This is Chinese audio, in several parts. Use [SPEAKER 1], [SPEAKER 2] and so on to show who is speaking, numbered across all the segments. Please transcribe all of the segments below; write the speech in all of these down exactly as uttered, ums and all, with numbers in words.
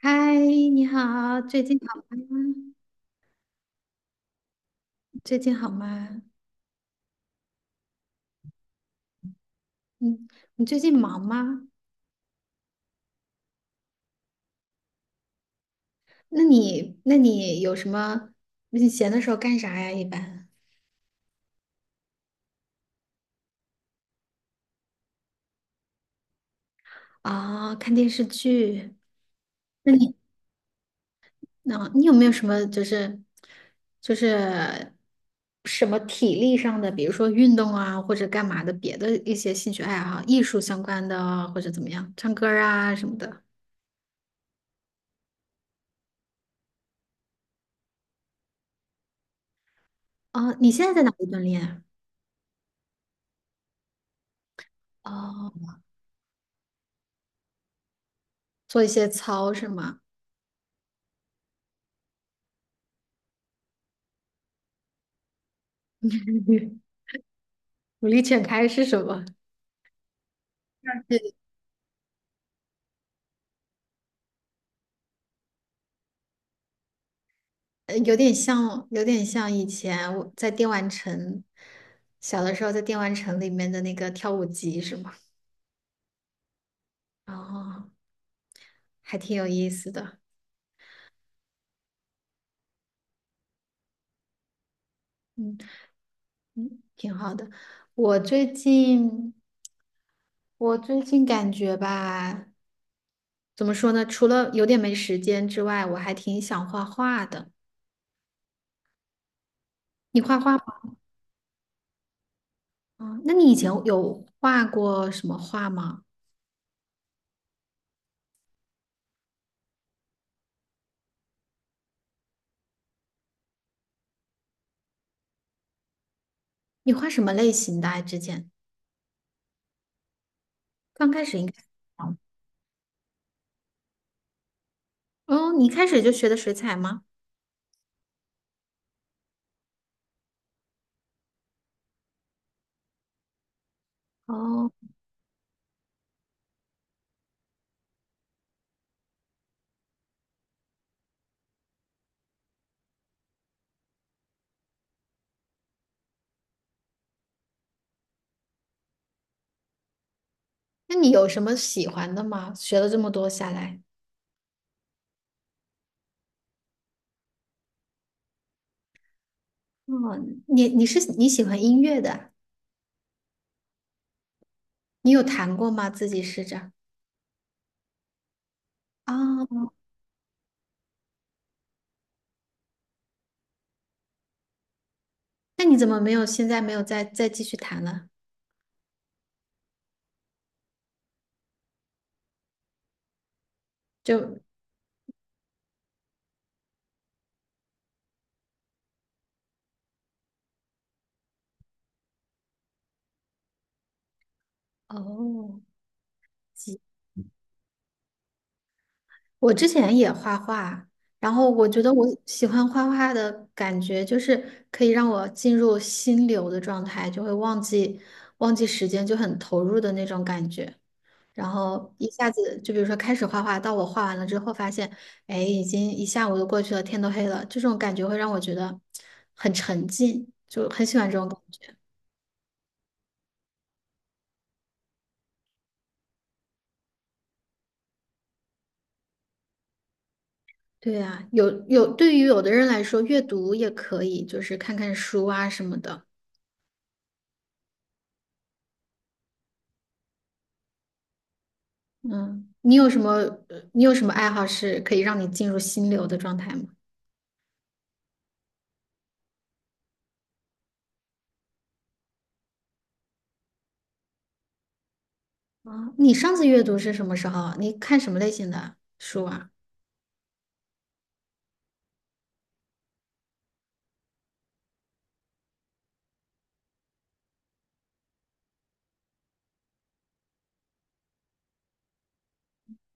[SPEAKER 1] 嗨，你好，最近好吗？最近好吗？嗯，你最近忙吗？那你，那你有什么？你闲的时候干啥呀？一般啊，看电视剧。那你，那、你有没有什么就是就是什么体力上的，比如说运动啊，或者干嘛的别的一些兴趣爱好，艺术相关的啊，或者怎么样，唱歌儿啊什么的。哦，你现在在哪里锻炼啊？哦，做一些操是吗？努力全开是什么？呃有点像，有点像以前我在电玩城，小的时候在电玩城里面的那个跳舞机是吗？哦，还挺有意思的。嗯嗯，挺好的。我最近，我最近感觉吧，怎么说呢？除了有点没时间之外，我还挺想画画的。你画画吗？哦，那你以前有画过什么画吗？你画什么类型的啊之前刚开始应该。哦，你一开始就学的水彩吗？哦，那你有什么喜欢的吗？学了这么多下来，哦，你你是你喜欢音乐的啊你有弹过吗？自己试着。啊？那你怎么没有现在没有再再继续弹了？就哦，几我之前也画画，然后我觉得我喜欢画画的感觉，就是可以让我进入心流的状态，就会忘记忘记时间，就很投入的那种感觉。然后一下子就比如说开始画画，到我画完了之后发现，哎，已经一下午都过去了，天都黑了，这种感觉会让我觉得很沉浸，就很喜欢这种感觉。对呀，有有，对于有的人来说，阅读也可以，就是看看书啊什么的。嗯，你有什么呃你有什么爱好是可以让你进入心流的状态吗？啊，你上次阅读是什么时候啊？你看什么类型的书啊？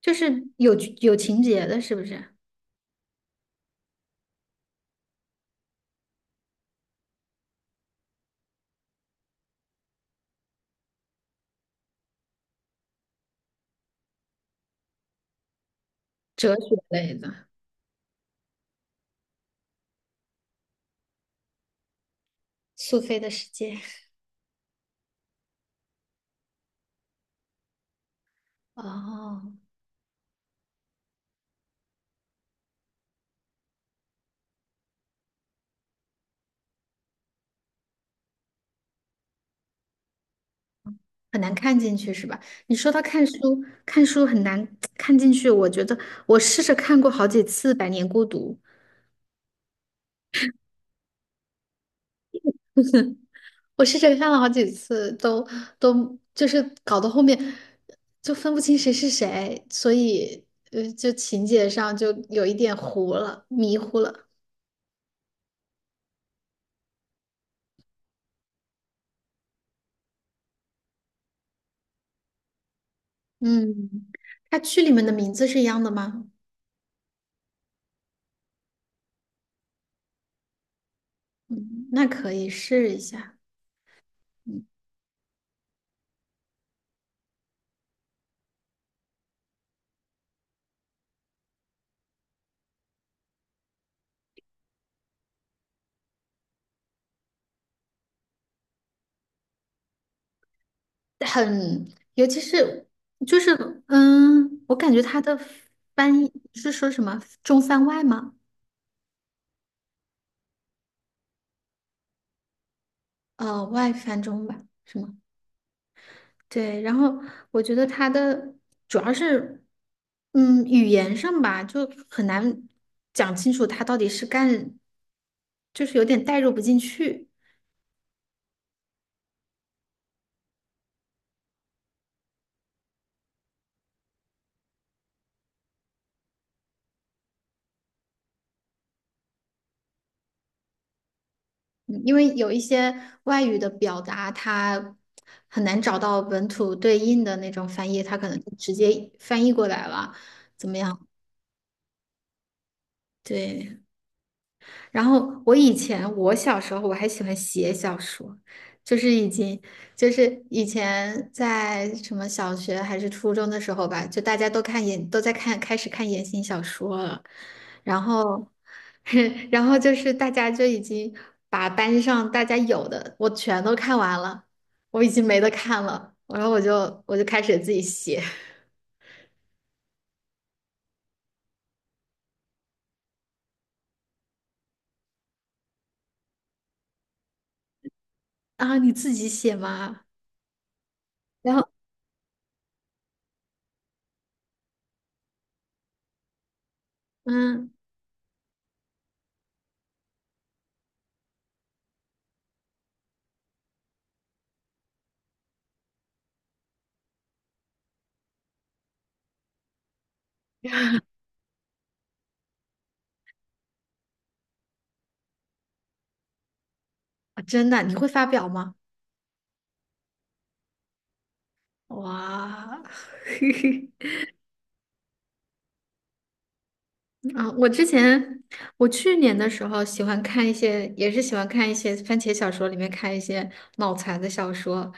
[SPEAKER 1] 就是有有情节的，是不是？哲学类的。苏菲的世界。哦，很难看进去是吧？你说他看书，看书很难看进去，我觉得我试着看过好几次《百年孤独》，我试着看了好几次，都都就是搞到后面就分不清谁是谁，所以呃，就情节上就有一点糊了，迷糊了。嗯，它剧里面的名字是一样的吗？嗯，那可以试一下。嗯很，尤其是就是，嗯，我感觉他的翻译是说什么中翻外吗？呃，外翻中吧，什么？对，然后我觉得他的主要是，嗯，语言上吧，就很难讲清楚他到底是干，就是有点代入不进去。嗯因为有一些外语的表达，它很难找到本土对应的那种翻译，它可能就直接翻译过来了。怎么样？对，然后我以前我小时候我还喜欢写小说，就是已经就是以前在什么小学还是初中的时候吧，就大家都看言都在看开始看言情小说了，然后 然后就是大家就已经把班上大家有的我全都看完了，我已经没得看了，然后我就我就开始自己写。 啊，你自己写吗？然后嗯，啊真的你会发表吗？哇，啊，我之前我去年的时候喜欢看一些，也是喜欢看一些番茄小说里面看一些脑残的小说，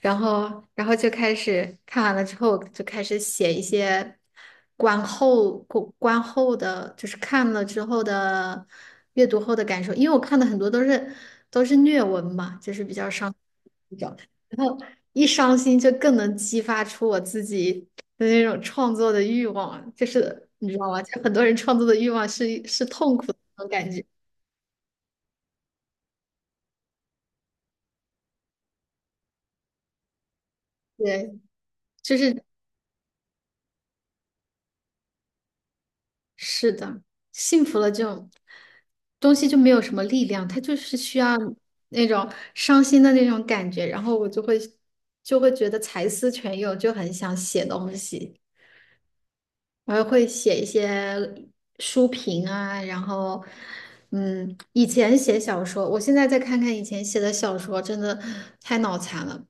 [SPEAKER 1] 然后然后就开始看完了之后就开始写一些观后观观后的，就是看了之后的阅读后的感受，因为我看的很多都是都是虐文嘛，就是比较伤。一种，然后一伤心就更能激发出我自己的那种创作的欲望，就是你知道吗？就很多人创作的欲望是是痛苦的那种感觉，对，就是是的，幸福了这种东西就没有什么力量，它就是需要那种伤心的那种感觉，然后我就会就会觉得才思泉涌，就很想写东西。我还会写一些书评啊，然后，嗯，以前写小说，我现在再看看以前写的小说，真的太脑残了。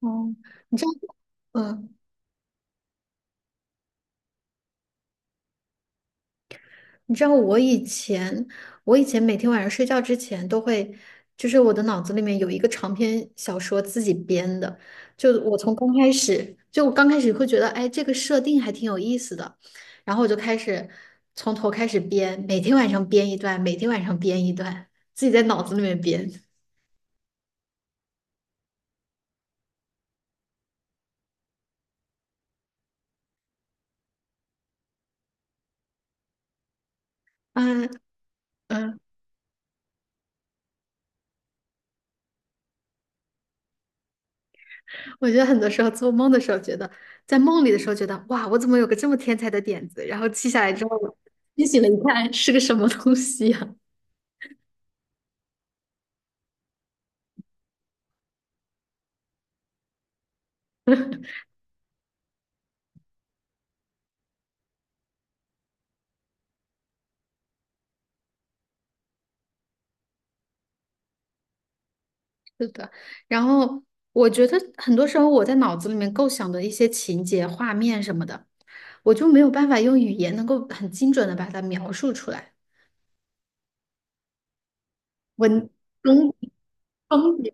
[SPEAKER 1] 哦，你知道，嗯，你知道我以前，我以前每天晚上睡觉之前都会，就是我的脑子里面有一个长篇小说自己编的，就我从刚开始，就我刚开始会觉得，哎，这个设定还挺有意思的，然后我就开始从头开始编，每天晚上编一段，每天晚上编一段，自己在脑子里面编。嗯嗯，我觉得很多时候做梦的时候，觉得在梦里的时候觉得，哇，我怎么有个这么天才的点子，然后记下来之后，清醒了一看，是个什么东西呀、是的，然后我觉得很多时候我在脑子里面构想的一些情节、画面什么的，我就没有办法用语言能够很精准的把它描述出来。文风风景，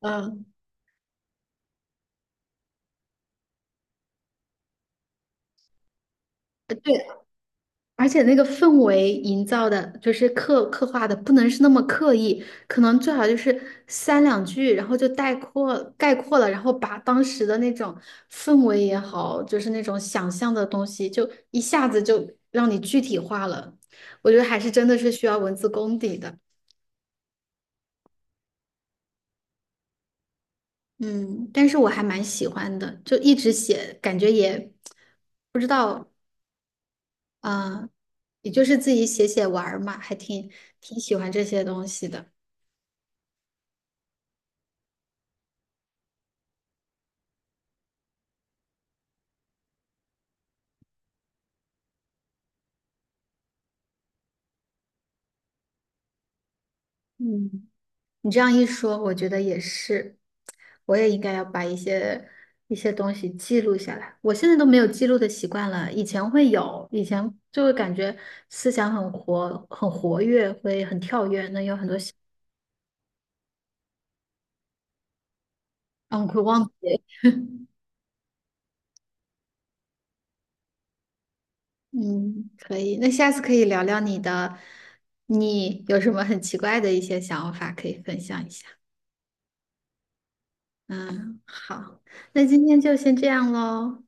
[SPEAKER 1] 嗯，对。而且那个氛围营造的，就是刻刻画的，不能是那么刻意，可能最好就是三两句，然后就概括概括了，然后把当时的那种氛围也好，就是那种想象的东西，就一下子就让你具体化了。我觉得还是真的是需要文字功底的，嗯，但是我还蛮喜欢的，就一直写，感觉也不知道，啊、也就是自己写写玩儿嘛，还挺挺喜欢这些东西的。嗯，你这样一说，我觉得也是，我也应该要把一些一些东西记录下来。我现在都没有记录的习惯了，以前会有，以前就会感觉思想很活很活跃，会很跳跃，能有很多想，嗯，会忘记。嗯，可以。那下次可以聊聊你的，你有什么很奇怪的一些想法可以分享一下？嗯，好，那今天就先这样喽。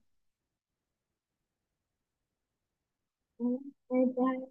[SPEAKER 1] 嗯，拜拜。